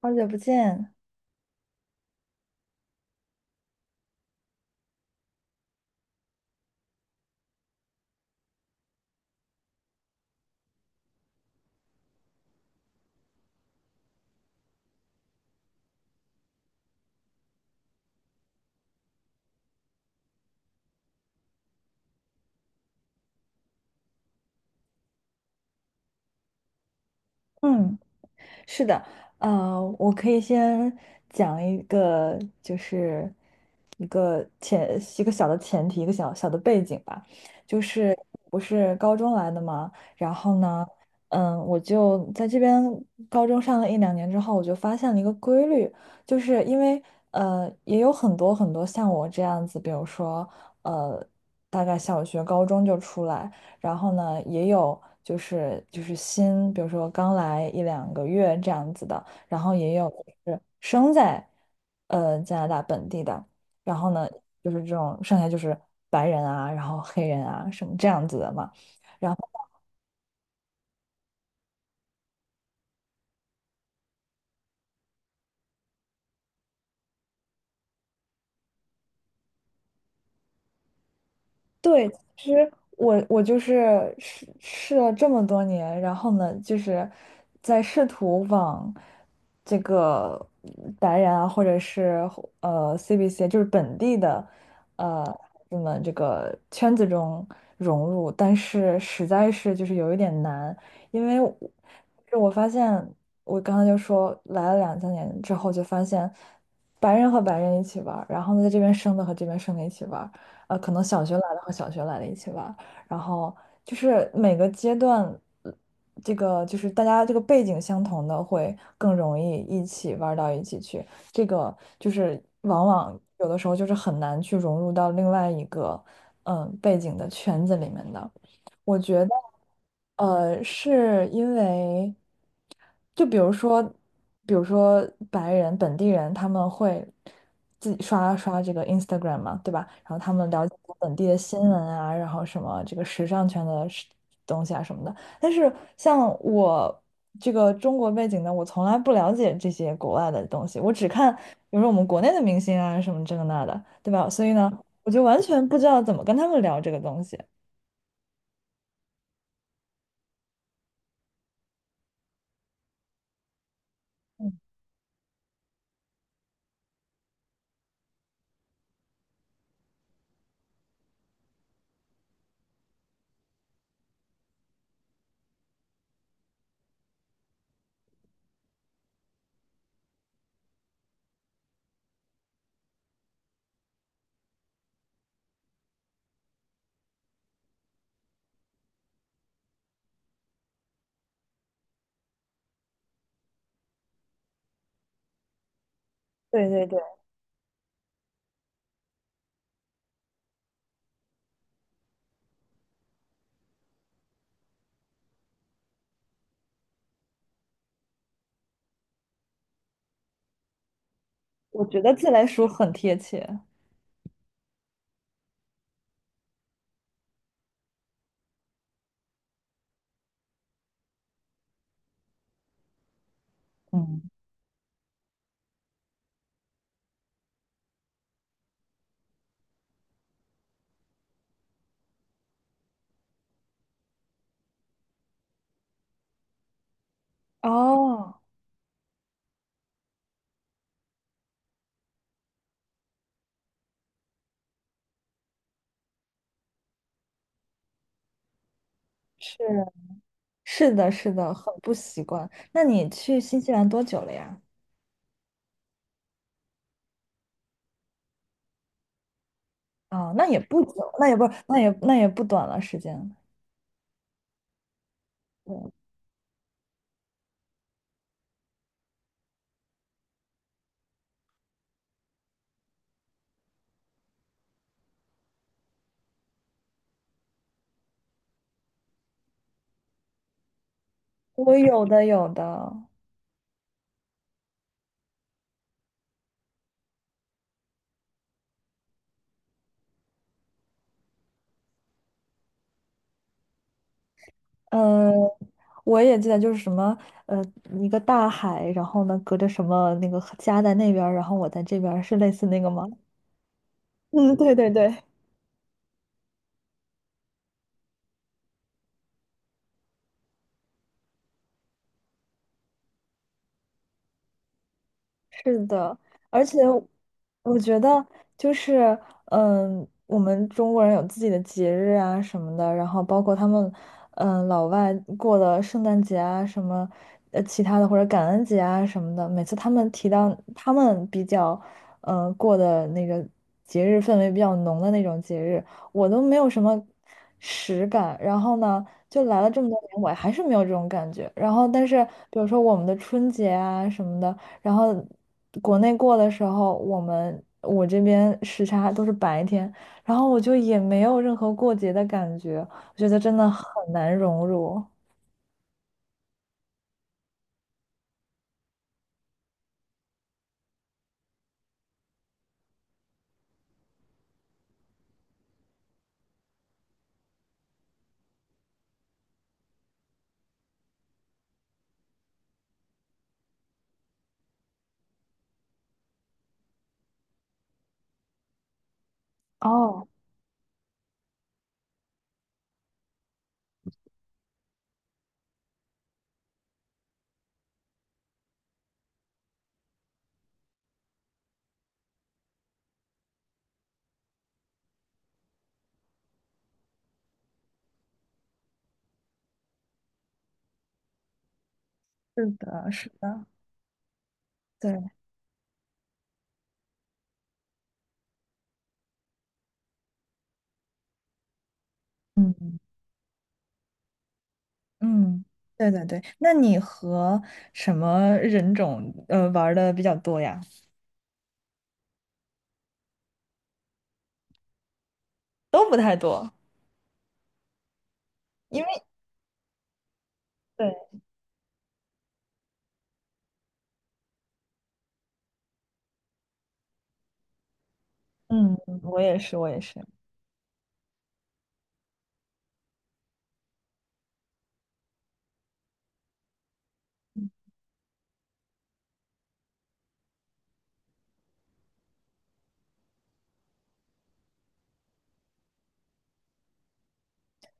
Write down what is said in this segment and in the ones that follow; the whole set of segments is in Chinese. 好久不见。嗯，是的。我可以先讲一个，就是一个前一个小的前提，一个小小的背景吧，就是不是高中来的嘛。然后呢，我就在这边高中上了一两年之后，我就发现了一个规律。就是因为也有很多很多像我这样子，比如说呃，大概小学、高中就出来。然后呢，也有就是新，比如说刚来一两个月这样子的，然后也有就是生在加拿大本地的，然后呢，就是这种剩下就是白人啊，然后黑人啊什么这样子的嘛。然后。对，其实我就是试了这么多年，然后呢，就是在试图往这个白人啊，或者是CBC,就是本地的呃那么这个圈子中融入，但是实在是就是有一点难。因为我发现我刚刚就说来了两三年之后，就发现白人和白人一起玩儿，然后呢在这边生的和这边生的一起玩。可能小学来的和小学来的一起玩儿，然后就是每个阶段，呃这个就是大家这个背景相同的会更容易一起玩儿到一起去，这个就是往往有的时候就是很难去融入到另外一个背景的圈子里面的。我觉得，是因为。就比如说比如说白人本地人，他们会自己刷刷这个 Instagram 嘛，对吧？然后他们了解本地的新闻啊，然后什么这个时尚圈的东西啊什么的。但是像我这个中国背景的，我从来不了解这些国外的东西，我只看比如说我们国内的明星啊什么这个那的，对吧？所以呢，我就完全不知道怎么跟他们聊这个东西。嗯，对对对，我觉得自来熟很贴切。嗯。哦。是。是的，是的，很不习惯。那你去新西兰多久了呀？啊、那也不久，那也那也不短了时间。对，我有的有的。呃，我也记得就是什么，呃，一个大海，然后呢，隔着什么那个家在那边儿，然后我在这边儿，是类似那个吗？嗯，对对对。是的，而且我觉得就是，嗯，我们中国人有自己的节日啊什么的，然后包括他们，嗯，老外过的圣诞节啊什么，其他的或者感恩节啊什么的，每次他们提到他们比较，嗯，过的那个节日氛围比较浓的那种节日，我都没有什么实感。然后呢，就来了这么多年，我还是没有这种感觉。然后，但是比如说我们的春节啊什么的。然后国内过的时候，我这边时差都是白天，然后我就也没有任何过节的感觉，我觉得真的很难融入。哦，是的，是的，对，嗯嗯，对对对。那你和什么人种玩的比较多呀？都不太多，因为对，嗯，我也是，我也是，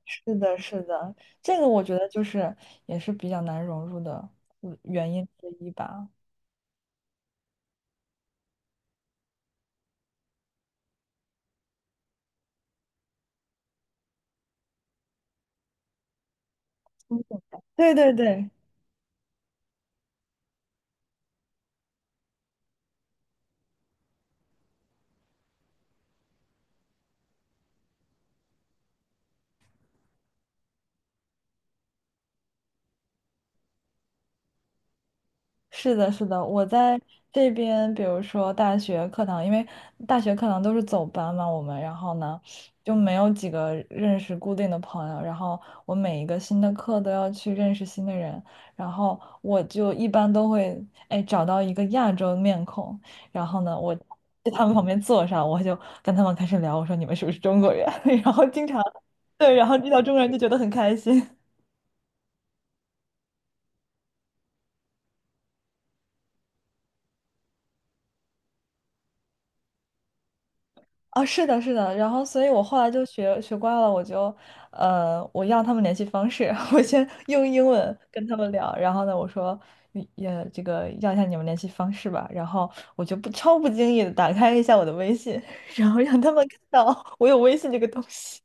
是的，是的，这个我觉得就是也是比较难融入的原因之一吧。对对对，是的，是的，我在这边，比如说大学课堂，因为大学课堂都是走班嘛，我们，然后呢，就没有几个认识固定的朋友，然后我每一个新的课都要去认识新的人，然后我就一般都会，哎，找到一个亚洲面孔，然后呢，我在他们旁边坐上，我就跟他们开始聊，我说你们是不是中国人？然后经常，对，然后遇到中国人就觉得很开心。啊，是的，是的，然后所以我后来就学学乖了，我就，我要他们联系方式，我先用英文跟他们聊，然后呢，我说，嗯也这个要一下你们联系方式吧，然后我就不经意的打开一下我的微信，然后让他们看到我有微信这个东西，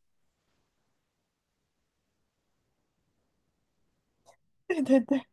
对对对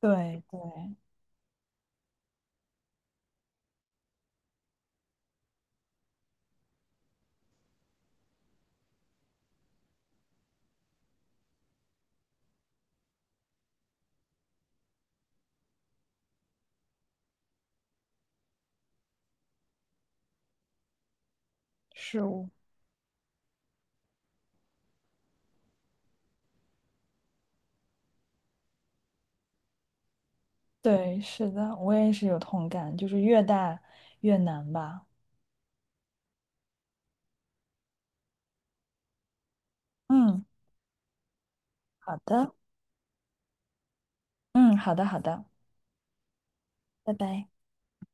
对对，是我，对，是的，我也是有同感，就是越大越难吧。嗯，好的。嗯，好的，好的，拜拜。